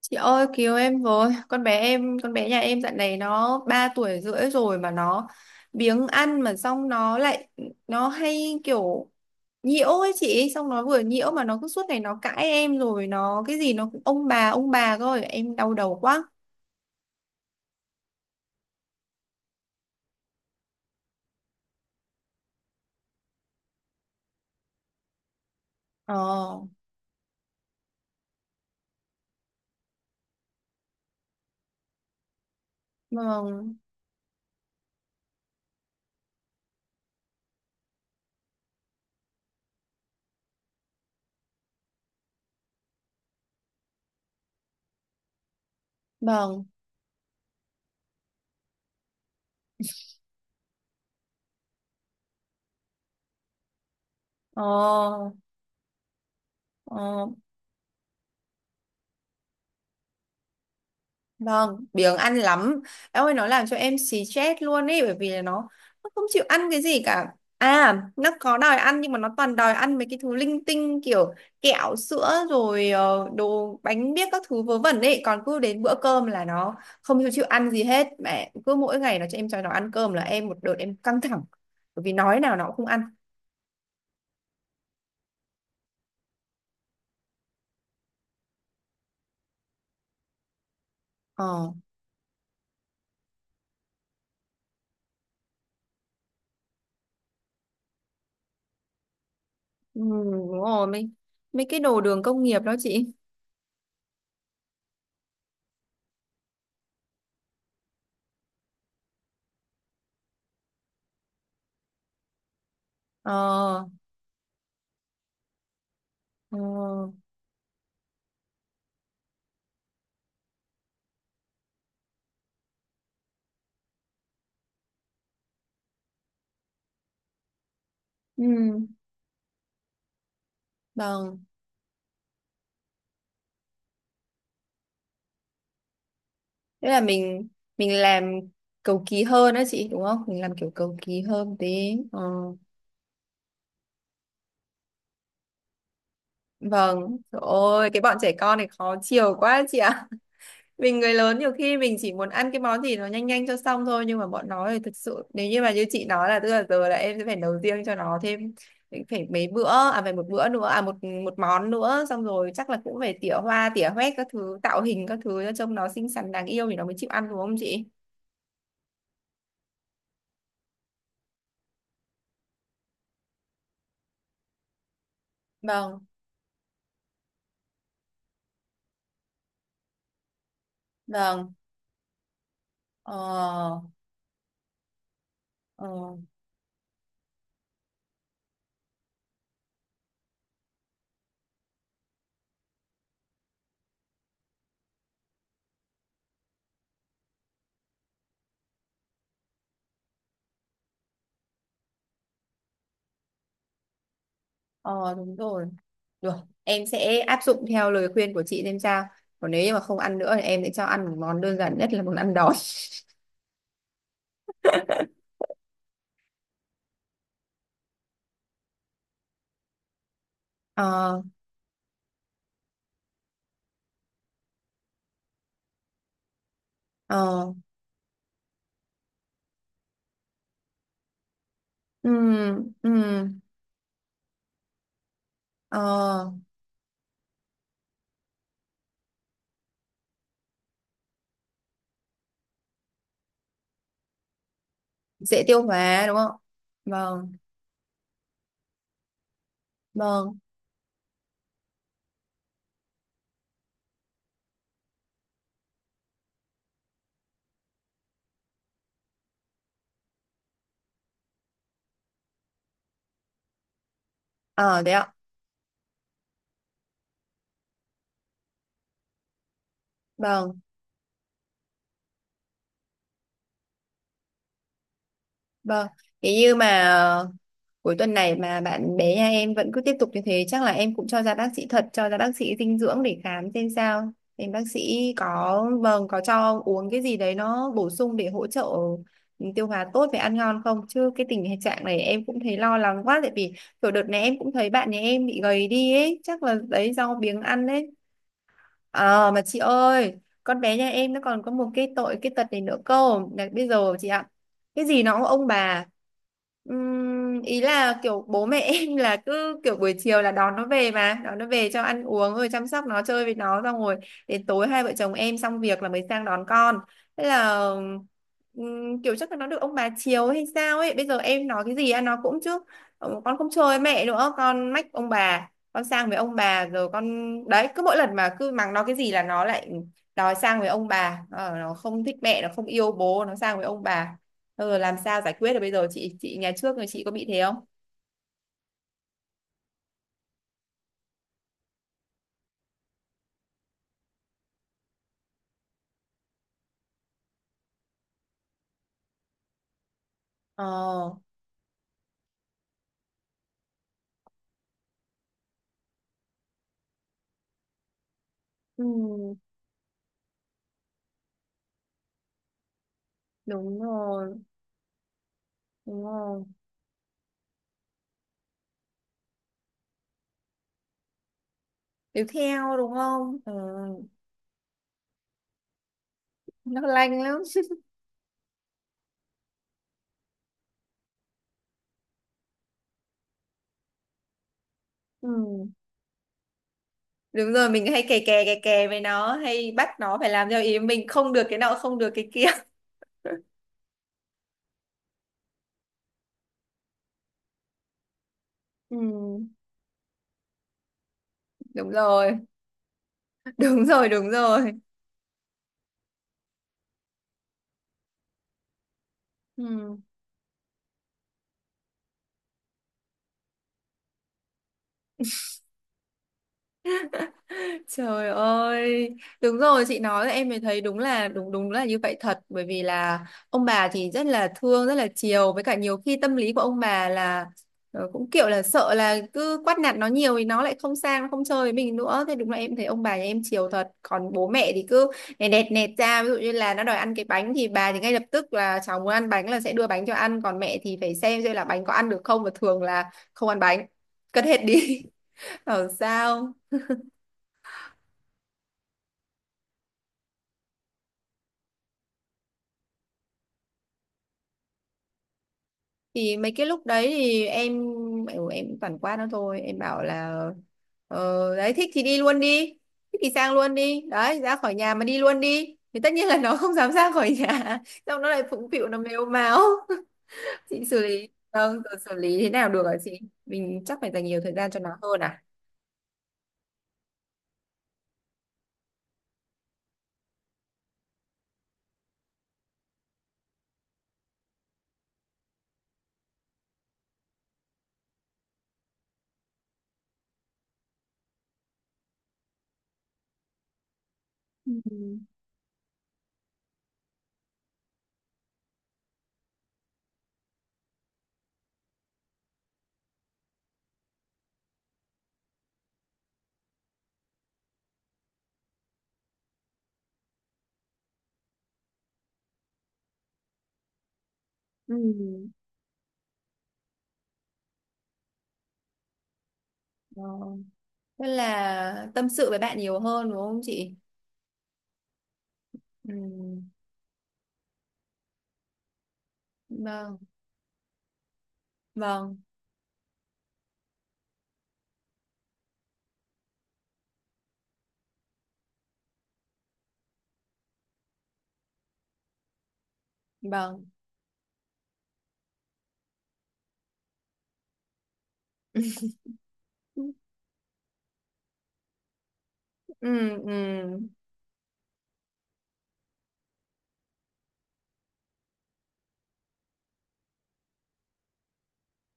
Chị ơi cứu em với, con bé nhà em dạo này nó 3 tuổi rưỡi rồi mà nó biếng ăn, mà xong nó lại nó hay kiểu nhiễu ấy chị. Xong nó vừa nhiễu mà nó cứ suốt ngày nó cãi em, rồi nó cái gì nó cũng ông bà thôi, em đau đầu quá. Ờ. Vâng. Vâng. Ờ. Ờ. Vâng, biếng ăn lắm. Em ơi, nó làm cho em xì chết luôn ý, bởi vì là nó không chịu ăn cái gì cả. À, nó có đòi ăn nhưng mà nó toàn đòi ăn mấy cái thứ linh tinh kiểu kẹo, sữa rồi đồ bánh biếc các thứ vớ vẩn ấy. Còn cứ đến bữa cơm là nó không chịu chịu ăn gì hết. Mẹ cứ mỗi ngày nó cho nó ăn cơm là em một đợt em căng thẳng. Bởi vì nói nào nó cũng không ăn. Ờ. Ừ, đúng rồi. Mấy cái đồ đường công nghiệp đó chị. Ờ. Ờ. Ừ. Vâng. Tức là mình làm cầu kỳ hơn đó chị đúng không? Mình làm kiểu cầu kỳ hơn tí. Ờ. Vâng. Trời ơi, cái bọn trẻ con này khó chiều quá chị ạ. Mình người lớn nhiều khi mình chỉ muốn ăn cái món gì nó nhanh nhanh cho xong thôi, nhưng mà bọn nó thì thực sự nếu như mà như chị nói là tức là giờ là em sẽ phải nấu riêng cho nó thêm phải mấy bữa, à phải một bữa nữa, à một một món nữa. Xong rồi chắc là cũng phải tỉa hoa tỉa hoét các thứ, tạo hình các thứ cho trông nó xinh xắn đáng yêu thì nó mới chịu ăn đúng không chị? Vâng. Vâng. Ờ. Ờ. Ờ đúng rồi. Được, em sẽ áp dụng theo lời khuyên của chị xem sao. Còn nếu như mà không ăn nữa thì em sẽ cho ăn một món đơn giản nhất là món ăn đói. Ờ. ờ, ừm, ừm, ờ, Dễ tiêu hóa đúng không? Vâng. Vâng. Ờ, đấy ạ. Vâng. Vâng. Thế như mà cuối tuần này mà bạn bé nhà em vẫn cứ tiếp tục như thế chắc là em cũng cho ra bác sĩ thật, cho ra bác sĩ dinh dưỡng để khám xem sao, xem bác sĩ có, vâng, có cho uống cái gì đấy nó bổ sung để hỗ trợ, ừ, tiêu hóa tốt và ăn ngon không. Chứ cái tình trạng này em cũng thấy lo lắng quá tại vì kiểu đợt này em cũng thấy bạn nhà em bị gầy đi ấy, chắc là đấy do biếng ăn đấy. Ờ mà chị ơi, con bé nhà em nó còn có một cái tội cái tật này nữa cơ. Là bây giờ chị ạ, cái gì nó cũng ông bà. Ý là kiểu bố mẹ em là cứ kiểu buổi chiều là đón nó về mà, đón nó về cho ăn uống rồi chăm sóc nó chơi với nó xong rồi đến tối hai vợ chồng em xong việc là mới sang đón con. Thế là kiểu chắc là nó được ông bà chiều hay sao ấy. Bây giờ em nói cái gì ăn nó cũng chứ. Ờ, con không chơi với mẹ nữa, con mách ông bà, con sang với ông bà rồi con. Đấy cứ mỗi lần mà cứ mắng nó cái gì là nó lại đòi sang với ông bà, nó không thích mẹ nó không yêu bố nó sang với ông bà. Làm sao giải quyết được bây giờ chị nhà trước rồi chị có bị thế không? Ờ. Ừ, đúng rồi đúng rồi. Tiếp theo đúng không? Ừ, nó lanh lắm. Ừ. Đúng rồi, mình hay kè kè kè kè với nó, hay bắt nó phải làm theo ý mình, không được cái nọ không được cái kia. Ừ. Đúng rồi. Đúng rồi đúng rồi. Ừ. Trời ơi, đúng rồi chị nói là em mới thấy đúng là, đúng đúng là như vậy thật, bởi vì là ông bà thì rất là thương rất là chiều, với cả nhiều khi tâm lý của ông bà là cũng kiểu là sợ là cứ quát nạt nó nhiều thì nó lại không sang nó không chơi với mình nữa. Thế đúng là em thấy ông bà nhà em chiều thật, còn bố mẹ thì cứ nẹt nẹt nẹt ra, ví dụ như là nó đòi ăn cái bánh thì bà thì ngay lập tức là cháu muốn ăn bánh là sẽ đưa bánh cho ăn, còn mẹ thì phải xem là bánh có ăn được không và thường là không ăn bánh cất hết đi. Bảo sao. Thì mấy cái lúc đấy thì em, ừ, em cũng toàn qua nó thôi, em bảo là đấy thích thì đi luôn đi, thích thì sang luôn đi, đấy ra khỏi nhà mà đi luôn đi thì tất nhiên là nó không dám ra khỏi nhà. Xong nó lại phụng phịu nó mếu máo. Chị xử lý, vâng, rồi xử lý thế nào được hả chị? Mình chắc phải dành nhiều thời gian cho nó hơn à? Ừ. Ừ. Ờ. Tức là tâm sự với bạn nhiều hơn đúng không chị? Ừ. Vâng. Vâng. Vâng. Ừ. Ừ.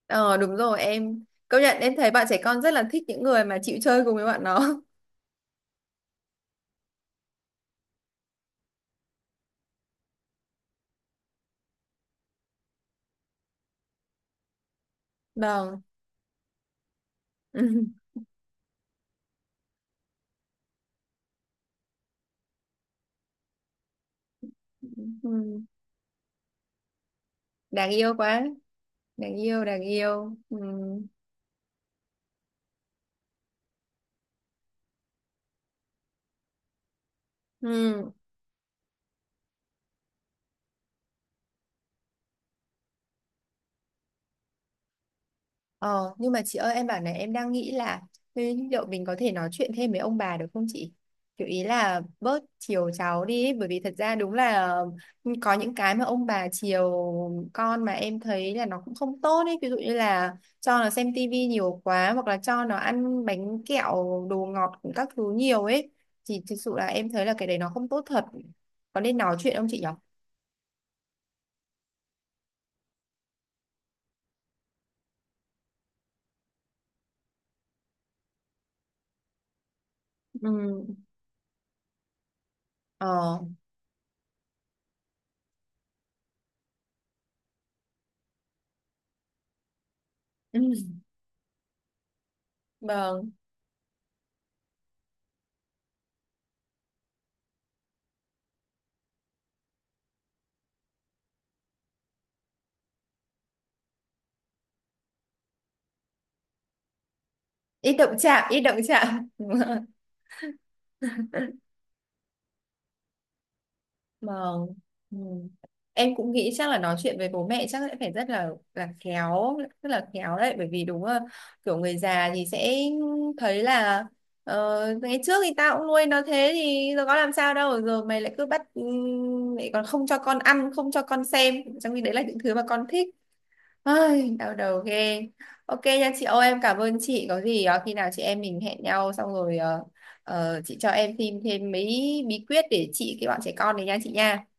Ờ đúng rồi, em công nhận em thấy bạn trẻ con rất là thích những người mà chịu chơi cùng với bạn nó. Vâng. Ừ. Đáng yêu quá. Đáng yêu, đáng yêu, ừ. Ừ. Ờ, nhưng mà chị ơi em bảo này em đang nghĩ là thế liệu mình có thể nói chuyện thêm với ông bà được không chị? Kiểu ý là bớt chiều cháu đi ấy, bởi vì thật ra đúng là, ừ, có những cái mà ông bà chiều con mà em thấy là nó cũng không tốt ấy. Ví dụ như là cho nó xem tivi nhiều quá, hoặc là cho nó ăn bánh kẹo, đồ ngọt các thứ nhiều ấy. Thì thực sự là em thấy là cái đấy nó không tốt thật. Có nên nói chuyện không chị nhỉ? Ừ. Ờ, ừ, vâng. Ít động chạm, ít động chạm. Vâng. Ừ. Em cũng nghĩ chắc là nói chuyện với bố mẹ chắc sẽ phải rất là khéo, rất là khéo đấy, bởi vì đúng là kiểu người già thì sẽ thấy là ngày trước thì tao cũng nuôi nó thế thì giờ có làm sao đâu, giờ mày lại cứ bắt, lại còn không cho con ăn, không cho con xem, trong khi đấy là những thứ mà con thích. Ai, đau đầu ghê. Ok nha chị ơi, em cảm ơn chị. Có gì khi nào chị em mình hẹn nhau xong rồi chị cho em thêm thêm mấy bí quyết để trị cái bọn trẻ con này nha chị nha.